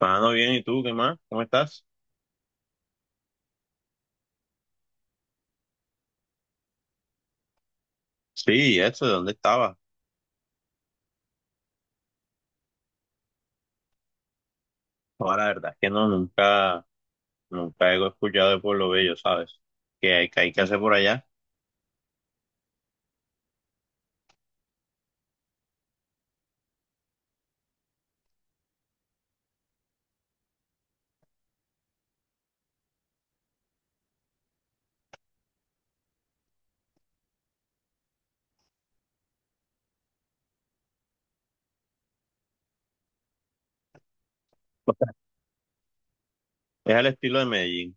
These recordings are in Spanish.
Mano, bien, ¿y tú qué más? ¿Cómo estás? Sí, eso, ¿de dónde estabas? Ahora, la verdad es que no, nunca he escuchado de Pueblo Bello, ¿sabes? ¿Qué hay que hacer por allá? Es al estilo de Medellín.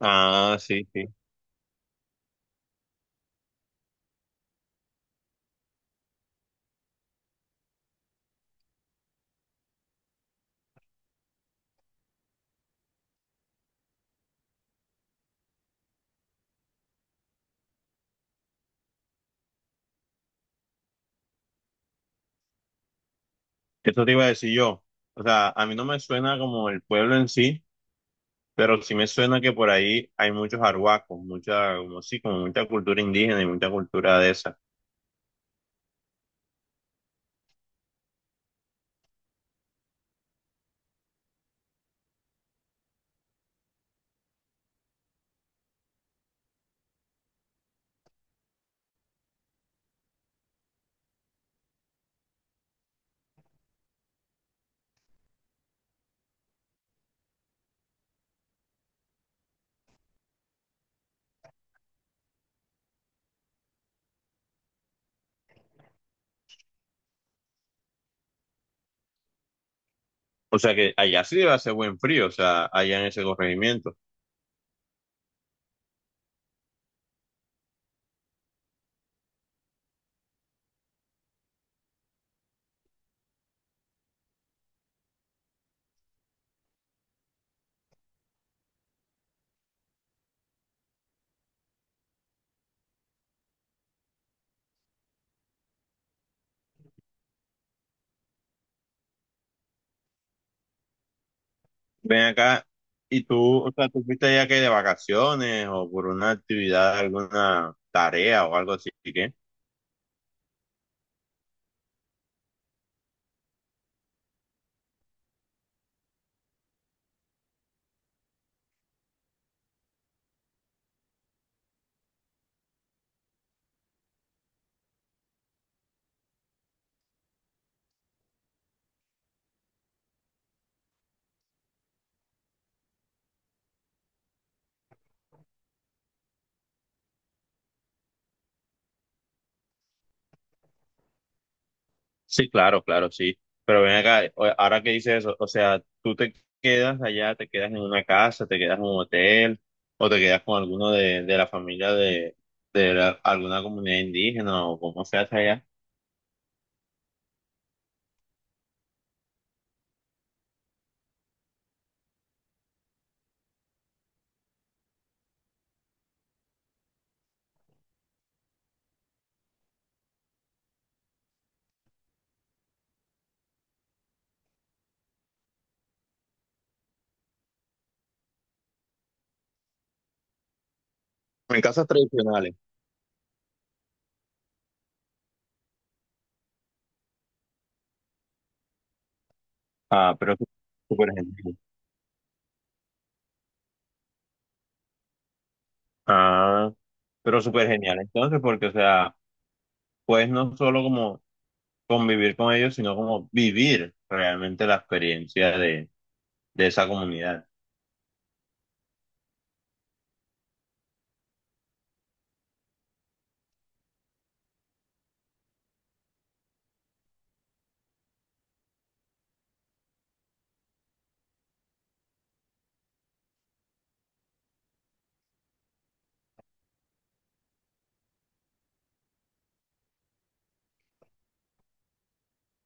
Ah, sí, sí. Eso te iba a decir yo. O sea, a mí no me suena como el pueblo en sí, pero sí me suena que por ahí hay muchos arhuacos, mucha, como sí, como mucha cultura indígena y mucha cultura de esa. O sea que allá sí debe hacer buen frío, o sea, allá en ese corregimiento. Ven acá, y tú, o sea, tú fuiste ya que de vacaciones o por una actividad, alguna tarea o algo así, ¿qué? Sí, claro, claro, sí. Pero ven acá, ahora que dices eso, o sea, tú te quedas allá, te quedas en una casa, te quedas en un hotel o te quedas con alguno de la familia de alguna comunidad indígena o como se hace allá. En casas tradicionales. Ah, pero súper genial. Ah, pero súper genial. Entonces, porque, o sea, pues no solo como convivir con ellos, sino como vivir realmente la experiencia de esa comunidad.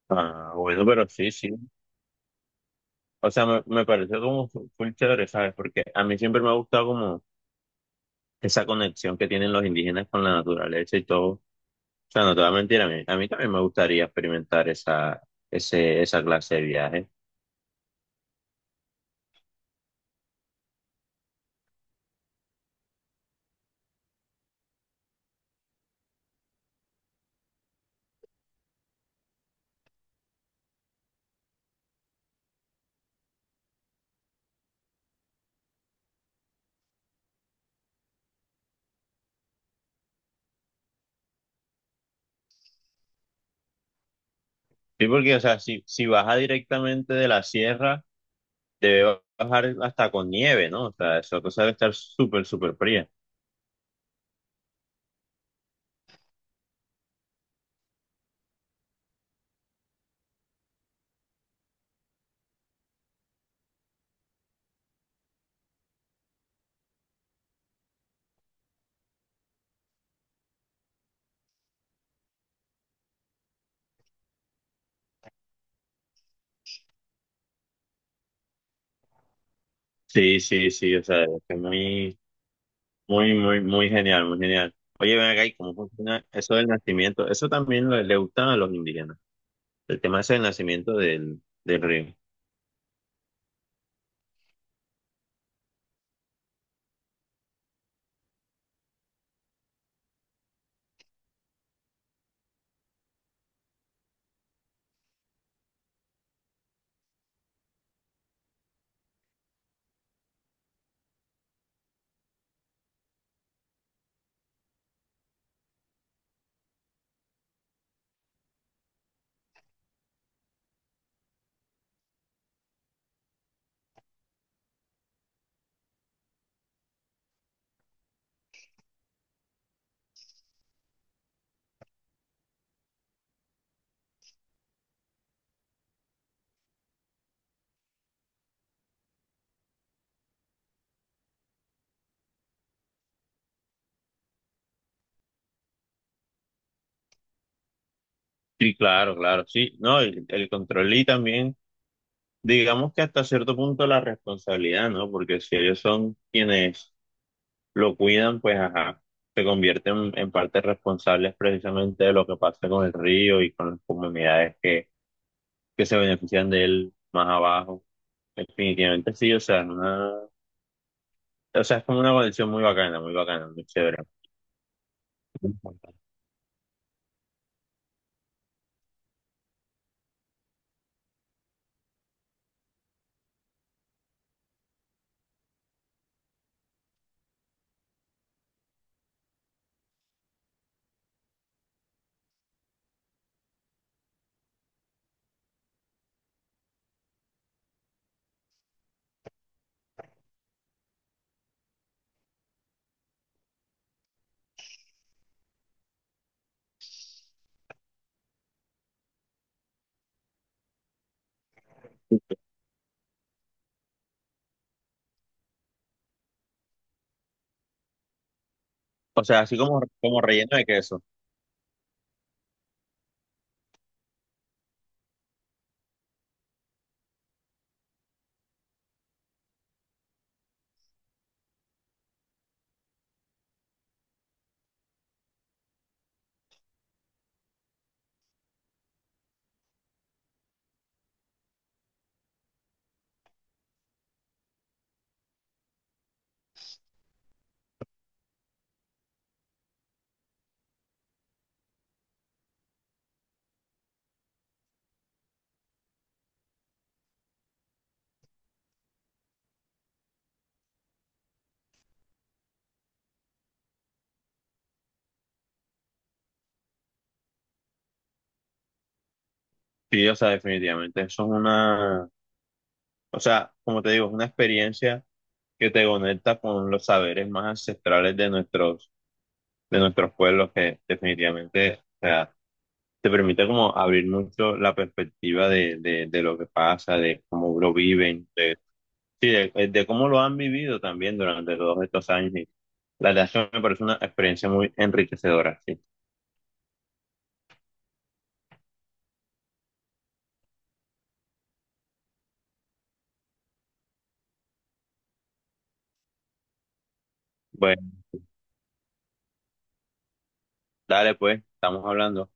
Ah, bueno, pero sí, sí. O sea, me pareció como full chévere, ¿sabes? Porque a mí siempre me ha gustado como esa conexión que tienen los indígenas con la naturaleza y todo. O sea, no te voy a mentir, a mí también me gustaría experimentar esa, esa clase de viaje. Sí, porque, o sea, si baja directamente de la sierra, debe bajar hasta con nieve, ¿no? O sea, esa cosa debe estar súper, súper fría. Sí, sí, sí, o sea, es que muy, muy, muy, muy genial, muy genial. Oye, ven acá, ¿y cómo funciona eso del nacimiento? Eso también le gusta a los indígenas. El tema es el nacimiento del río. Sí, claro, claro, sí. No, el control y también, digamos que hasta cierto punto la responsabilidad, ¿no? Porque si ellos son quienes lo cuidan, pues ajá, se convierten en parte responsables precisamente de lo que pasa con el río y con las comunidades que se benefician de él más abajo. Definitivamente sí, o sea, una. O sea, es como una conexión muy bacana, muy bacana, muy chévere. O sea, así como, como relleno de queso. Sí, o sea, definitivamente. Eso es una, o sea, como te digo, es una experiencia que te conecta con los saberes más ancestrales de nuestros pueblos, que definitivamente, o sea, te permite como abrir mucho la perspectiva de lo que pasa, de cómo lo viven, de, sí, de cómo lo han vivido también durante todos estos años. Y la verdad es que me parece una experiencia muy enriquecedora, sí. Bueno, dale, pues, estamos hablando.